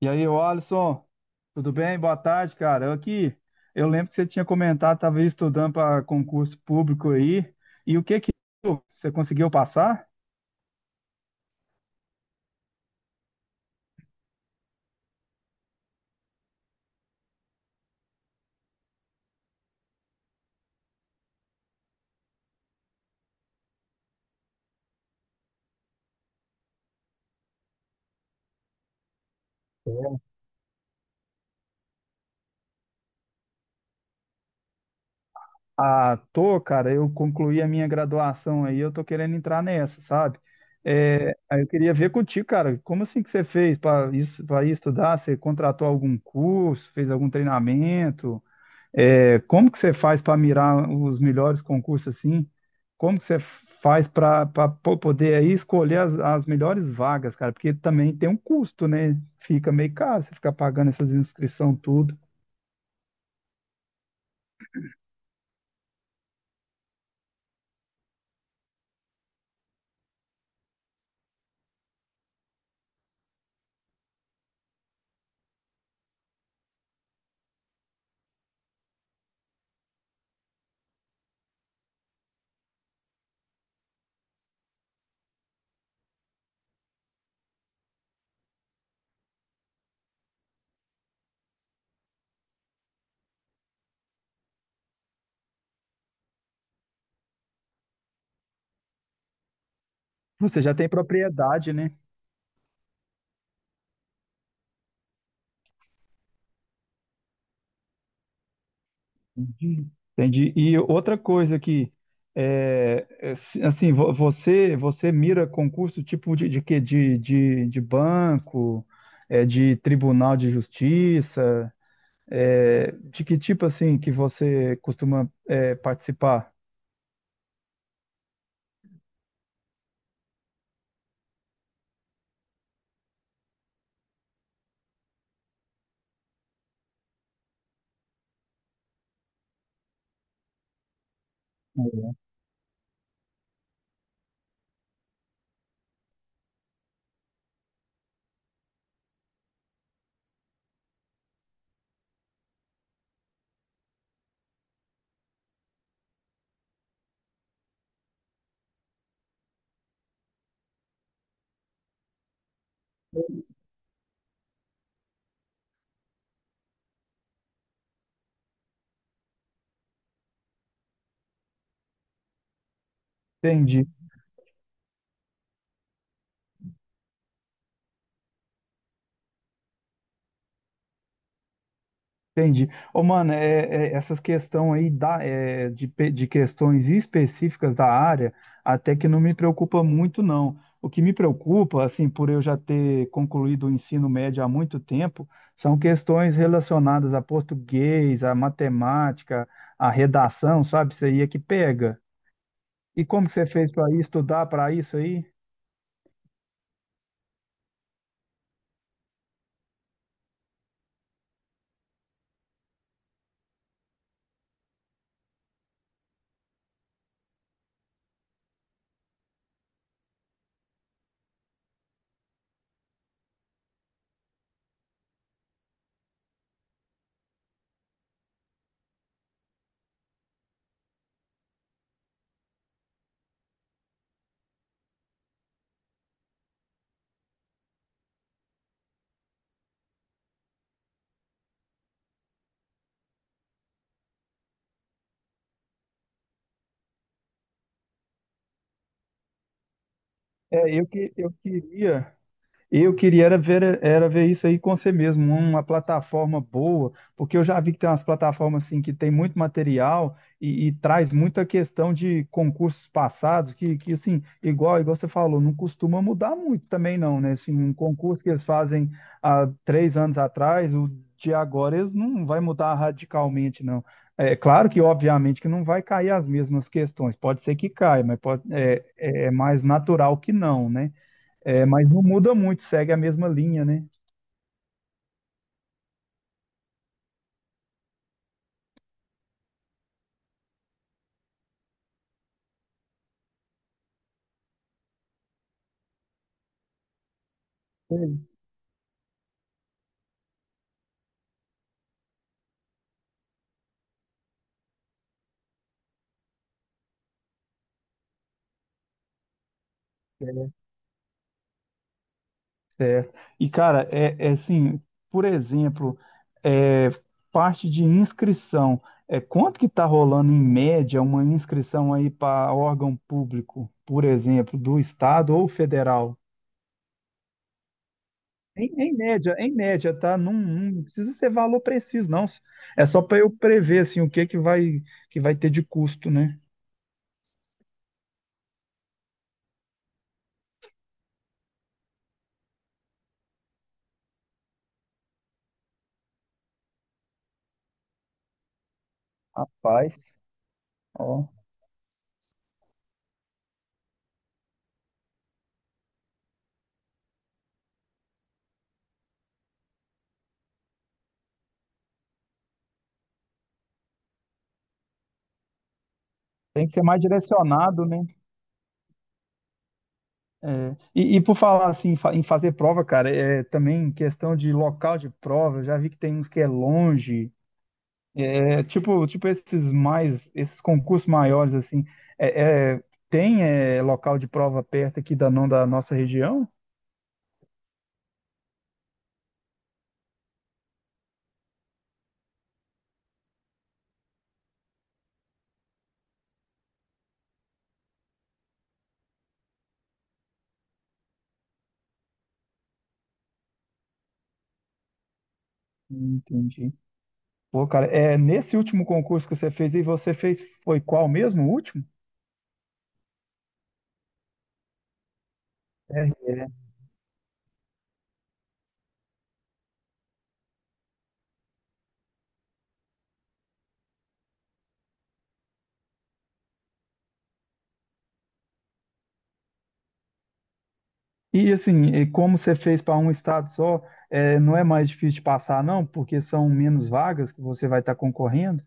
E aí, ô Alisson, tudo bem? Boa tarde, cara. Eu aqui, eu lembro que você tinha comentado, estava estudando para concurso público aí. E o que que você conseguiu passar? Ah, tô, cara. Eu concluí a minha graduação aí, eu tô querendo entrar nessa, sabe? Aí eu queria ver contigo, cara. Como assim que você fez para isso, para estudar? Você contratou algum curso, fez algum treinamento? É, como que você faz para mirar os melhores concursos assim? Como que você faz para poder aí escolher as melhores vagas, cara? Porque também tem um custo, né? Fica meio caro você ficar pagando essas inscrições tudo. Você já tem propriedade, né? Entendi. Entendi. E outra coisa que, você mira concurso tipo de quê? De banco, é, de tribunal de justiça. É, de que tipo assim que você costuma participar? Uhum. Entendi, entendi. Ô, mano, essas questões aí da, é, de, pe- de questões específicas da área, até que não me preocupa muito, não. O que me preocupa, assim, por eu já ter concluído o ensino médio há muito tempo, são questões relacionadas a português, a matemática, a redação, sabe? Isso aí é que pega. E como que você fez para estudar para isso aí? É, eu que eu queria. Eu queria era ver isso aí com você mesmo, uma plataforma boa, porque eu já vi que tem umas plataformas assim que tem muito material e traz muita questão de concursos passados, que assim, igual, igual você falou, não costuma mudar muito também não, né? Assim, um concurso que eles fazem há três anos atrás, o de agora eles não vai mudar radicalmente, não. É claro que, obviamente, que não vai cair as mesmas questões, pode ser que caia, mas pode, é mais natural que não, né? É, mas não muda muito, segue a mesma linha, né? Sei. É, certo. E, cara, é assim, por exemplo, é, parte de inscrição. É, quanto que está rolando em média uma inscrição aí para órgão público, por exemplo, do estado ou federal? Em média, em média, tá? Não, não precisa ser valor preciso, não. É só para eu prever assim o que que vai ter de custo, né? Rapaz, ó, tem que ser mais direcionado, né? É, e por falar assim em em fazer prova, cara, é também questão de local de prova. Eu já vi que tem uns que é longe, é tipo, tipo esses mais, esses concursos maiores assim. É, é, tem é, local de prova perto aqui da não da nossa região? Entendi. Pô, cara, é nesse último concurso que você fez e você fez foi qual mesmo? O último? É, e assim, e como você fez para um estado só, é, não é mais difícil de passar, não, porque são menos vagas que você vai estar concorrendo.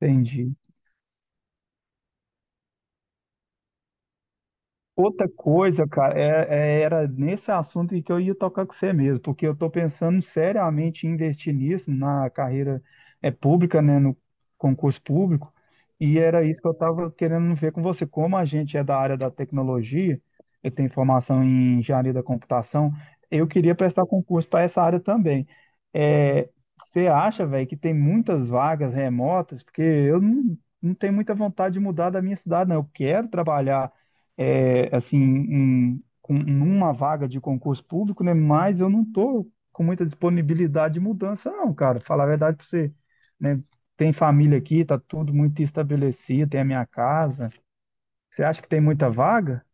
Entendi. Outra coisa, cara, era nesse assunto em que eu ia tocar com você mesmo, porque eu estou pensando seriamente em investir nisso, na carreira pública, né, no concurso público, e era isso que eu estava querendo ver com você. Como a gente é da área da tecnologia, eu tenho formação em engenharia da computação, eu queria prestar concurso para essa área também. É, você acha, velho, que tem muitas vagas remotas? Porque eu não, não tenho muita vontade de mudar da minha cidade, não. Eu quero trabalhar numa vaga de concurso público, né? Mas eu não tô com muita disponibilidade de mudança, não, cara. Falar a verdade para você, né? Tem família aqui, tá tudo muito estabelecido, tem a minha casa. Você acha que tem muita vaga?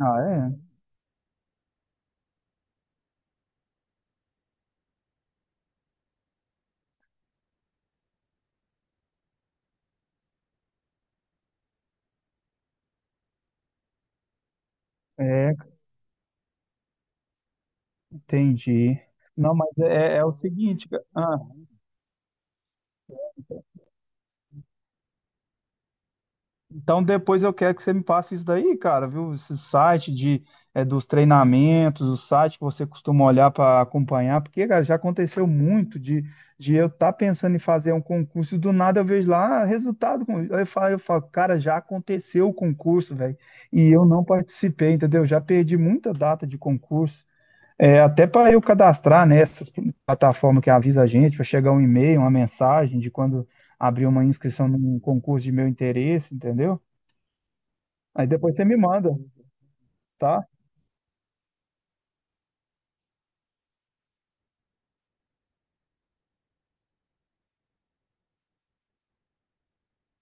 Ah, é? É, entendi. Não, mas é o seguinte, cara. Então depois eu quero que você me passe isso daí, cara, viu? Esse site de, dos treinamentos, o site que você costuma olhar para acompanhar, porque, cara, já aconteceu muito de eu estar pensando em fazer um concurso e do nada eu vejo lá ah, resultado. Com- eu falo, cara, já aconteceu o concurso, velho, e eu não participei, entendeu? Já perdi muita data de concurso. É, até para eu cadastrar nessas plataformas que avisa a gente, para chegar um e-mail, uma mensagem de quando abrir uma inscrição num concurso de meu interesse, entendeu? Aí depois você me manda, tá?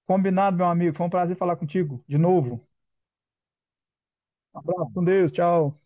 Combinado, meu amigo. Foi um prazer falar contigo de novo. Abraço, com Deus, tchau.